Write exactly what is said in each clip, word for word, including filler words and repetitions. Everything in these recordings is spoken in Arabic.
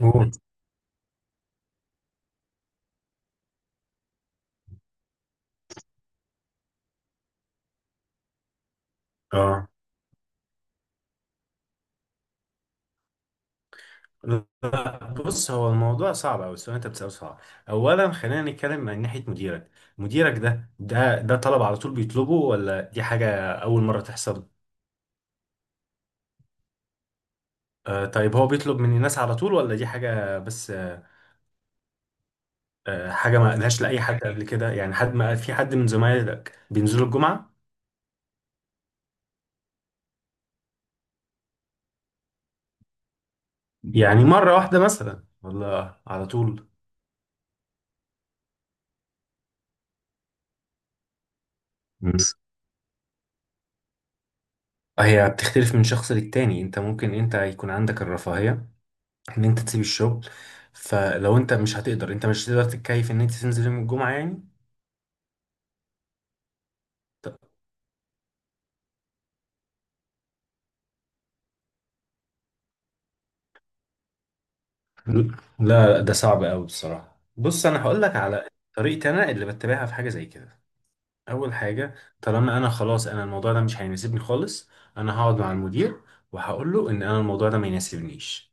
موت. اه. لا، بص هو الموضوع صعب أوي، السؤال اللي أنت بتسأله صعب. أولا خلينا نتكلم من ناحية مديرك. مديرك ده ده ده طلب على طول بيطلبه ولا دي حاجة أول مرة تحصل؟ آه، طيب هو بيطلب من الناس على طول ولا دي حاجة بس؟ آه آه، حاجة ما قالهاش لأي حد قبل كده؟ يعني حد ما في حد من زمايلك بينزلوا الجمعة؟ يعني مرة واحدة مثلا ولا على طول؟ بس هي بتختلف من شخص للتاني، انت ممكن انت يكون عندك الرفاهية ان انت تسيب الشغل. فلو انت مش هتقدر انت مش هتقدر تتكيف ان انت تنزل يوم الجمعة يعني. طب لا، لا ده صعب قوي بصراحة. بص انا هقول لك على طريقتي انا اللي بتبعها في حاجة زي كده. اول حاجة، طالما انا خلاص انا الموضوع ده مش هيناسبني خالص، انا هقعد مع المدير وهقول له ان انا الموضوع ده ما يناسبنيش.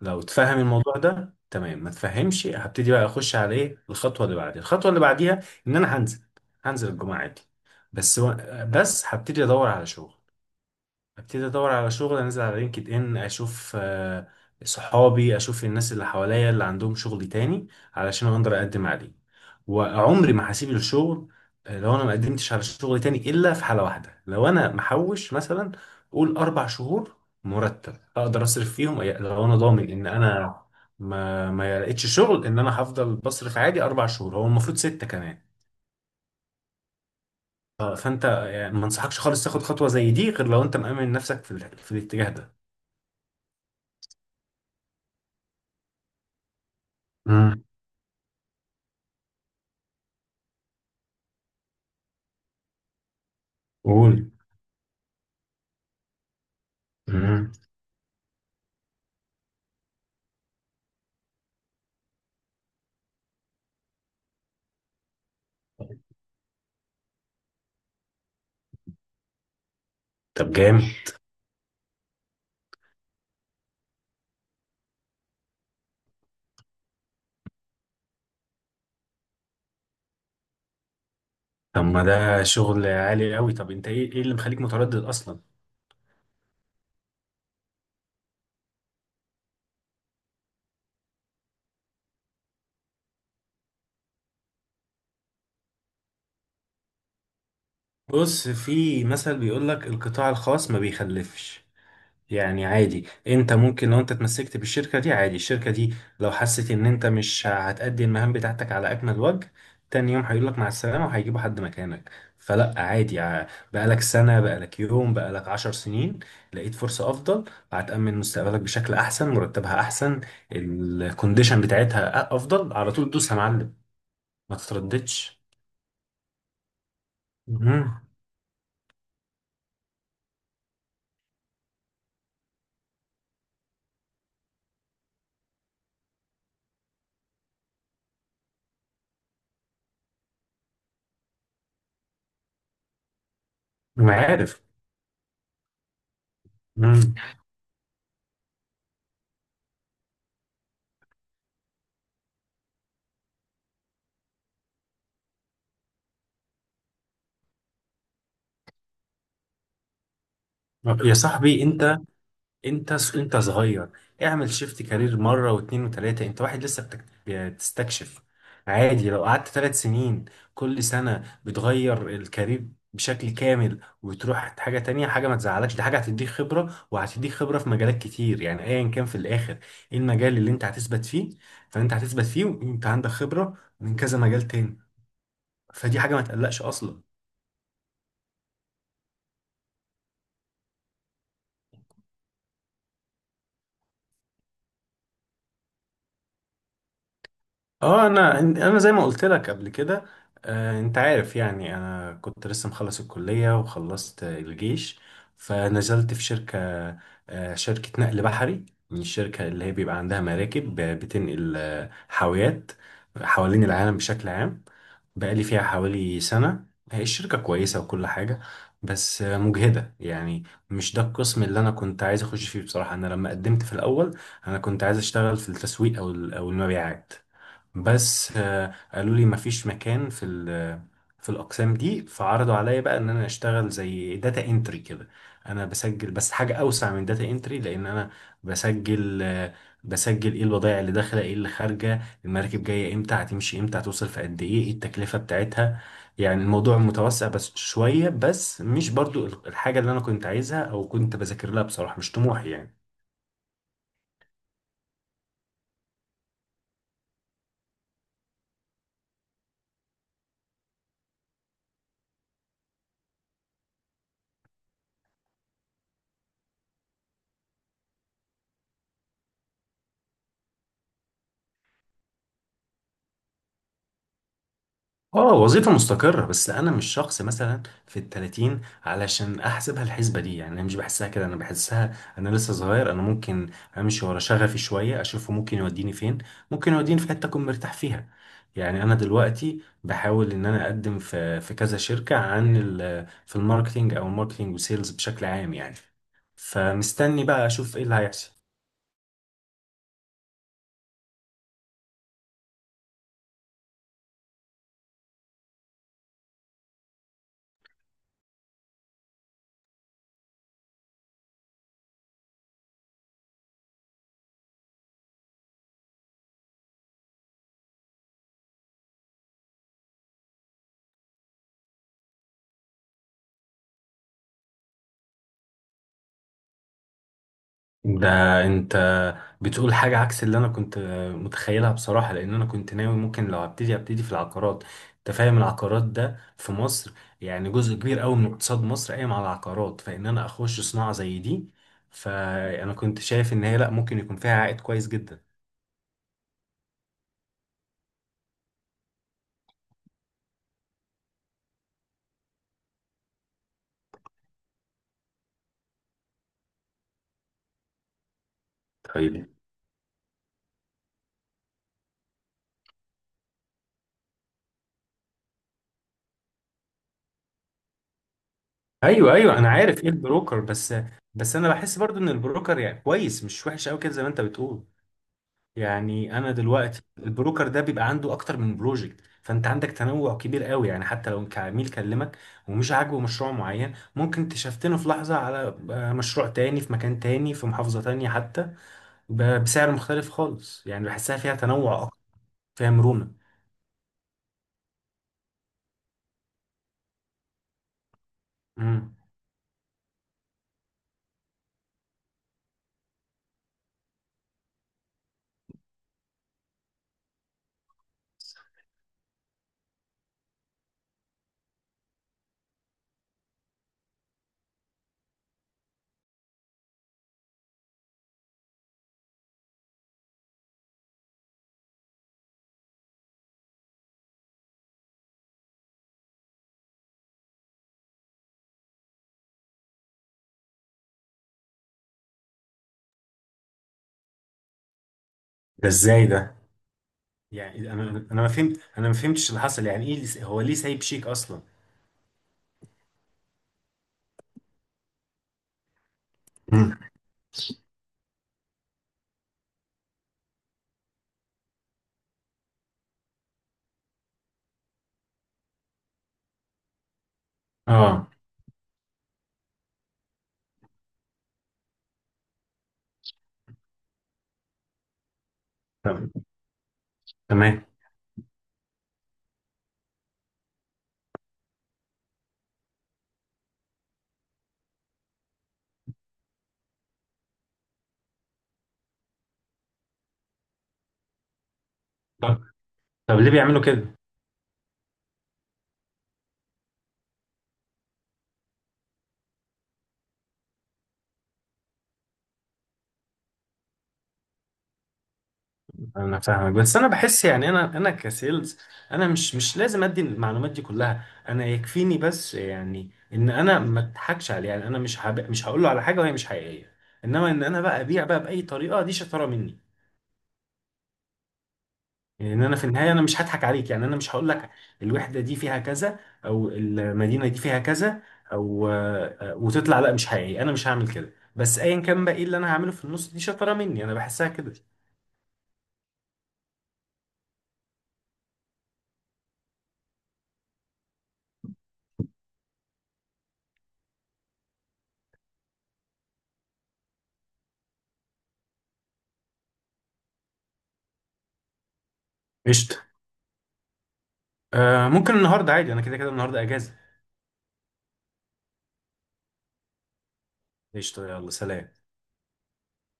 لو تفهم الموضوع ده تمام، ما تفهمش هبتدي بقى اخش على ايه الخطوة اللي بعديها، الخطوة اللي بعديها ان انا هنزل هنزل الجمعة عادي. بس و... بس هبتدي ادور على شغل، ابتدي ادور على شغل، انزل على لينكد ان اشوف آه، صحابي، اشوف الناس اللي حواليا اللي عندهم شغل تاني علشان اقدر اقدم عليه. وعمري ما هسيب الشغل آه، لو انا ما قدمتش على شغل تاني الا في حالة واحدة، لو انا محوش مثلا قول اربع شهور مرتب اقدر اصرف فيهم. أي- لو انا ضامن ان انا ما ما لقيتش شغل ان انا هفضل بصرف عادي اربع شهور، هو المفروض ستة كمان. آه، فانت آه، يعني ما انصحكش خالص تاخد خطوة زي دي غير لو انت مأمن نفسك في ال- في الاتجاه ده. قول. مم. طب جامد. طب ما ده شغل عالي قوي، طب انت ايه ايه اللي مخليك متردد اصلا؟ بص في مثل بيقول لك القطاع الخاص ما بيخلفش. يعني عادي انت ممكن لو انت اتمسكت بالشركة دي عادي، الشركة دي لو حست ان انت مش هتأدي المهام بتاعتك على اكمل وجه تاني يوم هيقولك مع السلامة وهيجيبوا حد مكانك. فلا عادي. ع- بقالك سنة، بقالك يوم، بقالك عشر سنين، لقيت فرصة افضل، هتأمن مستقبلك بشكل احسن، مرتبها احسن، الكونديشن بتاعتها أ- افضل، على طول دوس يا معلم، ما تترددش. مم. ما عارف. مم. يا صاحبي انت، انت س- انت صغير، اعمل شيفت كارير مره واتنين وتلاته، انت واحد لسه بتك- بتستكشف. عادي لو قعدت تلات سنين كل سنه بتغير الكارير بشكل كامل وتروح حاجه تانية، حاجه ما تزعلكش، دي حاجه هتديك خبره وهتديك خبره في مجالات كتير. يعني ايا كان في الاخر ايه المجال اللي انت هتثبت فيه، فانت هتثبت فيه وانت عندك خبره من كذا مجال تاني، فدي حاجه ما تقلقش اصلا. اه، انا انا زي ما قلت لك قبل كده، آه انت عارف يعني انا كنت لسه مخلص الكلية وخلصت الجيش، فنزلت في شركة، آه شركة نقل بحري. من الشركة اللي هي بيبقى عندها مراكب ب- بتنقل آه، حاويات حوالين العالم بشكل عام. بقالي فيها حوالي سنة. هي الشركة كويسة وكل حاجة، بس آه، مجهدة يعني. مش ده القسم اللي أنا كنت عايز أخش فيه بصراحة. أنا لما قدمت في الأول أنا كنت عايز أشتغل في التسويق أو ال- أو المبيعات، بس آه، قالوا لي مفيش مكان في ال- في الاقسام دي، فعرضوا عليا بقى ان انا اشتغل زي داتا انتري كده. انا بسجل بس حاجه اوسع من داتا انتري، لان انا بسجل آه، بسجل ايه البضائع اللي داخله، ايه اللي خارجه، المراكب جايه امتى، هتمشي امتى، هتوصل في قد ايه، ايه التكلفه بتاعتها. يعني الموضوع متوسع بس شويه، بس مش برضو الحاجه اللي انا كنت عايزها او كنت بذاكر لها بصراحه، مش طموحي يعني. اه وظيفة مستقرة، بس انا مش شخص مثلا في التلاتين علشان احسبها الحسبة دي يعني. انا مش بحسها كده، انا بحسها انا لسه صغير، انا ممكن امشي ورا شغفي شوية اشوفه ممكن يوديني فين، ممكن يوديني في حتة اكون مرتاح فيها. يعني انا دلوقتي بحاول ان انا اقدم في في كذا شركة عن ال- في الماركتينج او الماركتينج وسيلز بشكل عام يعني. فمستني بقى اشوف ايه اللي هيحصل. ده انت بتقول حاجة عكس اللي انا كنت متخيلها بصراحة، لان انا كنت ناوي ممكن لو هبتدي هبتدي في العقارات. انت فاهم العقارات ده في مصر يعني جزء كبير قوي من اقتصاد مصر قايم على العقارات، فان انا اخش صناعة زي دي فانا كنت شايف ان هي لا ممكن يكون فيها عائد كويس جدا. طيب، ايوه ايوه انا عارف ايه البروكر بس. بس انا بحس برضو ان البروكر يعني كويس، مش وحش قوي كده زي ما انت بتقول. يعني انا دلوقتي البروكر ده بيبقى عنده اكتر من بروجكت، فانت عندك تنوع كبير قوي يعني. حتى لو كعميل كلمك ومش عاجبه مشروع معين ممكن تشفتنه في لحظة على آه، مشروع تاني في مكان تاني، في محافظة تانية حتى، ب- بسعر مختلف خالص. يعني بحسها فيها تنوع اكتر، فيها مرونة. امم، ده ازاي ده؟ يعني انا انا ما فهمت، انا ما فهمتش اللي حصل. يعني ايه اللي- هو ليه سايب شيك اصلا؟ امم. اه. طب تمام. طب طب ليه بيعملوا كده؟ انا فاهمك بس انا بحس يعني انا انا كسيلز انا مش مش لازم ادي المعلومات دي كلها. انا يكفيني بس يعني ان انا ما اضحكش عليه. يعني انا مش هب... مش هقول له على حاجه وهي مش حقيقيه، انما ان انا بقى ابيع بقى باي طريقه دي شطاره مني. يعني ان انا في النهايه انا مش هضحك عليك، يعني انا مش هقول لك الوحده دي فيها كذا او المدينه دي فيها كذا او آه، وتطلع لا مش حقيقي، انا مش هعمل كده. بس ايا كان بقى ايه اللي انا هعمله في النص دي شطاره مني، انا بحسها كده. قشطه. آه ممكن النهارده عادي، انا كده كده النهارده اجازه. قشطة يلا سلام.